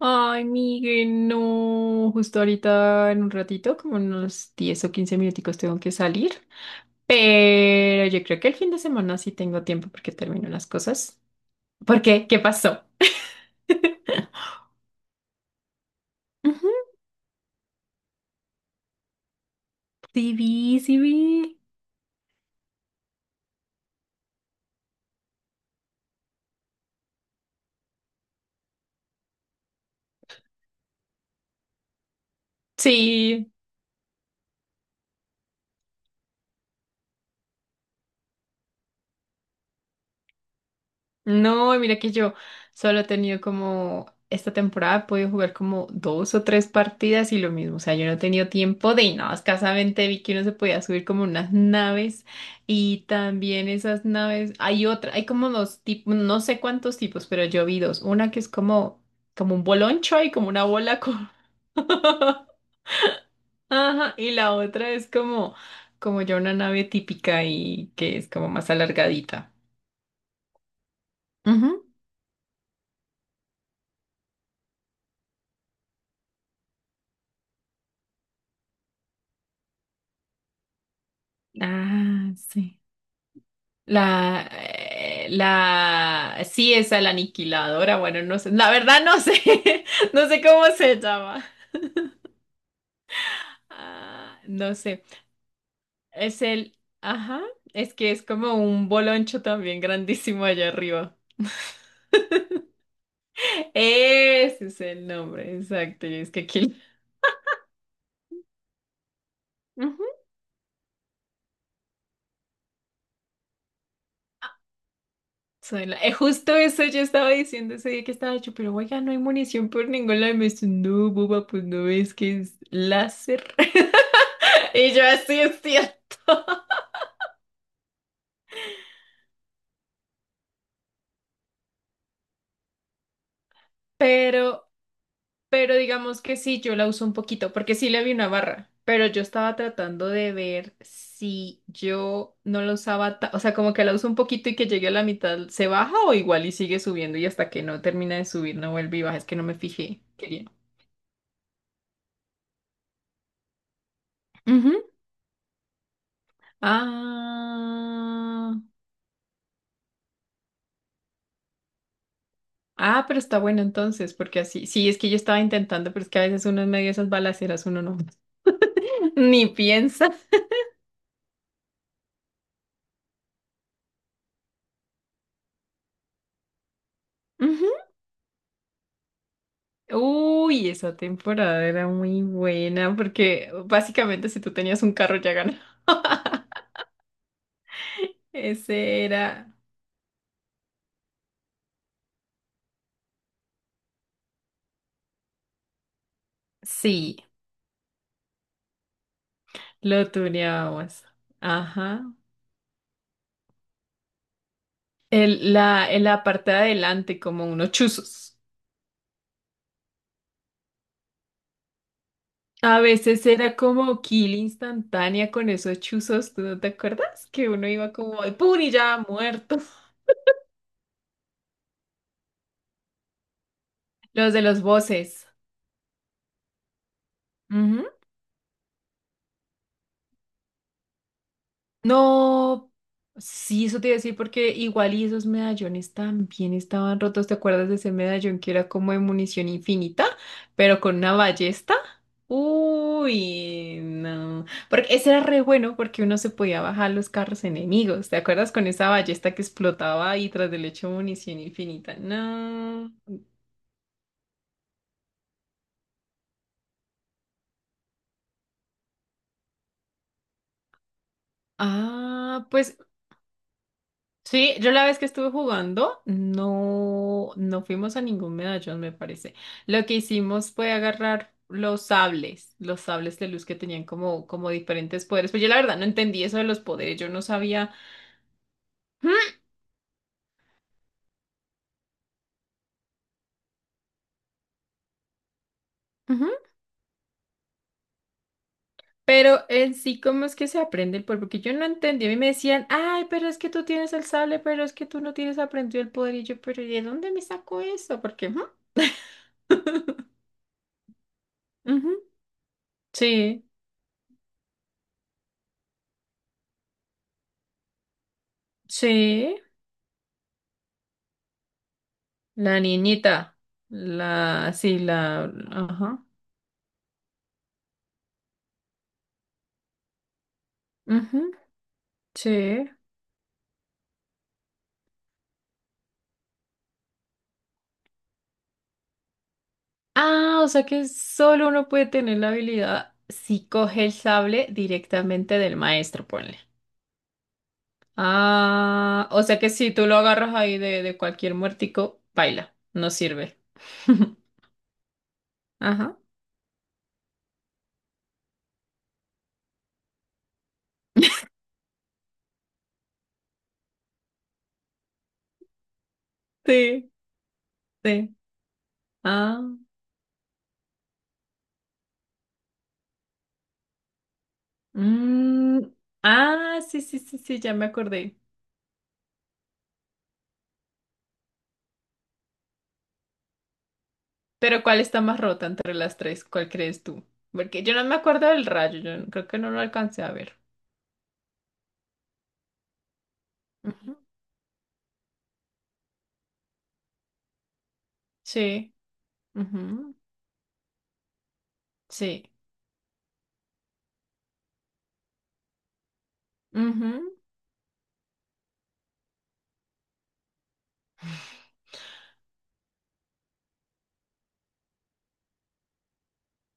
Ay, Miguel, no. Justo ahorita en un ratito, como en unos 10 o 15 minuticos tengo que salir. Pero yo creo que el fin de semana sí tengo tiempo porque termino las cosas. ¿Por qué? ¿Qué pasó? Ujú. Sí vi, sí vi. Sí, no, mira que yo solo he tenido como esta temporada he podido jugar como dos o tres partidas y lo mismo, o sea, yo no he tenido tiempo de y nada, escasamente vi que uno se podía subir como unas naves y también esas naves, hay otra, hay como dos tipos, no sé cuántos tipos, pero yo vi dos, una que es como un boloncho y como una bola con ajá, y la otra es como ya una nave típica y que es como más alargadita. Ujú. Ah, sí. La, sí, esa, la aniquiladora, bueno, no sé, la verdad no sé, no sé cómo se llama. Ah, no sé, ajá, es que es como un boloncho también grandísimo allá arriba. Ese es el nombre, exacto, y es que aquí. Ujú. Justo eso yo estaba diciendo ese día que estaba yo, pero oiga, no hay munición por ningún lado. Y me dice, no, boba, pues no ves que es láser. Y yo así es cierto. Pero Pero digamos que sí, yo la uso un poquito, porque sí le vi una barra, pero yo estaba tratando de ver si yo no la usaba, o sea, como que la uso un poquito y que llegue a la mitad, ¿se baja o igual y sigue subiendo y hasta que no termina de subir no vuelve y baja? Es que no me fijé. Quería. Ujú. Ah, ah, pero está bueno entonces, porque así, sí, es que yo estaba intentando, pero es que a veces uno en medio de esas balaceras uno no, ni piensa. Uy, esa temporada era muy buena porque básicamente si tú tenías un carro ya ganaba. Ese era, sí, lo tuneábamos. Ajá. En la parte de adelante, como unos chuzos. A veces era como kill instantánea con esos chuzos, ¿tú no te acuerdas? Que uno iba como de pum y ya muerto. Los de los voces. No, sí, eso te iba a decir porque igual y esos medallones también estaban rotos. ¿Te acuerdas de ese medallón que era como de munición infinita, pero con una ballesta? Uy, no. Porque ese era re bueno porque uno se podía bajar los carros enemigos. ¿Te acuerdas con esa ballesta que explotaba y tras del hecho munición infinita? No. Ah, pues sí, yo la vez que estuve jugando, no, no fuimos a ningún medallón, me parece. Lo que hicimos fue agarrar los sables de luz que tenían como, como diferentes poderes. Pues yo la verdad no entendí eso de los poderes, yo no sabía. Ujú. Pero en sí, ¿cómo es que se aprende el poder? Porque yo no entendí. A mí me decían, ay, pero es que tú tienes el sable, pero es que tú no tienes aprendido el poder. Y yo, pero ¿y de dónde me sacó eso? Porque, ujú, ujú. Sí, sí. La niñita. La, sí, la, ajá. Ujú, sí. Ah, o sea que solo uno puede tener la habilidad si coge el sable directamente del maestro, ponle. Ah, o sea que si tú lo agarras ahí de cualquier muertico, baila, no sirve. Ajá. Sí, sí. Ah. Mm, ah, sí, sí, sí, sí, ya me acordé. Pero ¿cuál está más rota entre las tres? ¿Cuál crees tú? Porque yo no me acuerdo del rayo, yo no- creo que no lo alcancé a ver. Ujú. Sí, ujú, sí. Ujú.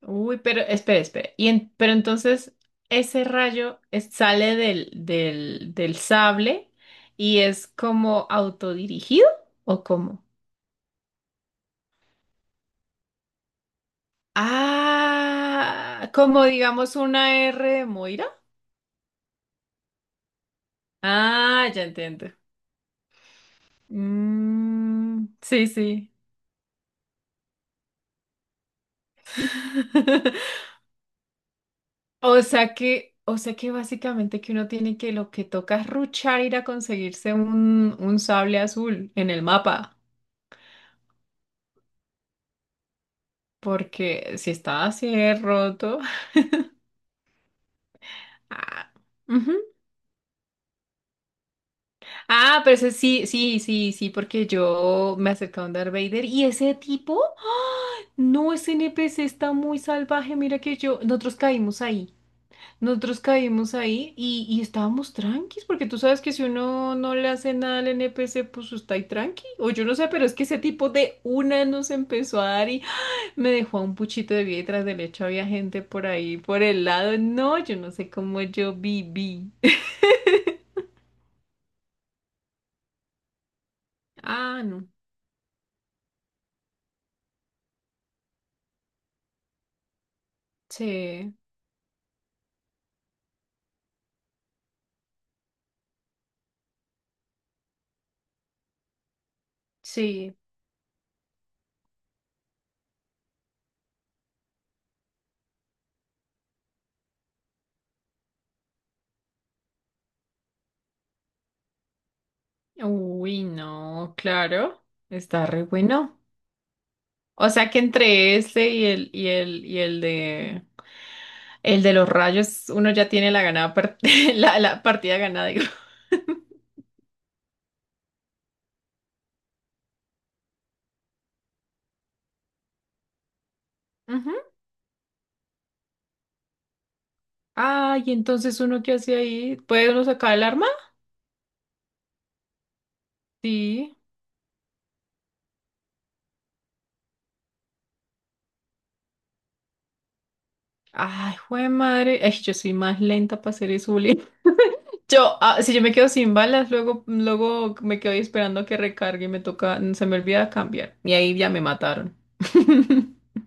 Uy, pero espera, espera. Y pero entonces ese rayo sale del sable y es como autodirigido ¿o cómo? Ah, como digamos una R de Moira. Ah, ya entiendo. Mm, sí, sí. O sea que básicamente que uno tiene que lo que toca es ruchar ir a conseguirse un sable azul en el mapa, porque si está así de roto. Ah, ujú. Ah, pero ese sí, sí, sí, sí, porque yo me acerqué a un Darth Vader y ese tipo, no, ese NPC está muy salvaje, mira que yo, nosotros caímos ahí. Nosotros caímos ahí y estábamos tranquis, porque tú sabes que si uno no le hace nada al NPC, pues está ahí tranqui. O yo no sé, pero es que ese tipo de una nos empezó a dar y me dejó a un puchito de vida y tras del hecho había gente por ahí, por el lado. No, yo no sé cómo yo viví. Ah, no. Sí, sí. Uy, no, claro. Está re bueno. O sea que entre este y el, y el, y el de El de los rayos, uno ya tiene la ganada la partida ganada, digo. Ujú. Ay, entonces uno qué hace ahí, ¿puede uno sacar el arma? Sí. Ay, jue madre. Ay, yo soy más lenta para hacer eso, Juli. Yo, ah, si yo me quedo sin balas, luego, luego me quedo ahí esperando a que recargue y me toca, se me olvida cambiar. Y ahí ya me mataron.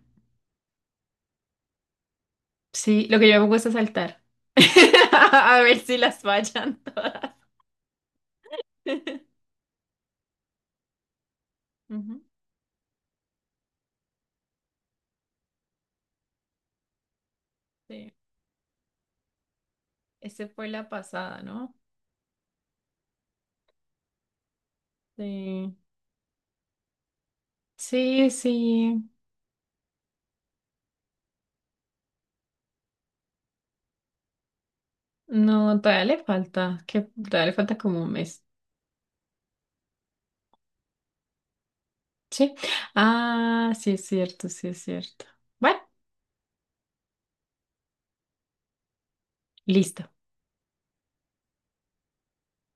Sí, lo que yo me pongo es a saltar. A ver si las fallan todas. Ujú, sí. Esa fue la pasada, ¿no? Sí, sí, sí. No, todavía le falta, que todavía le falta como un mes. Sí. Ah, sí es cierto, sí es cierto. Bueno, listo.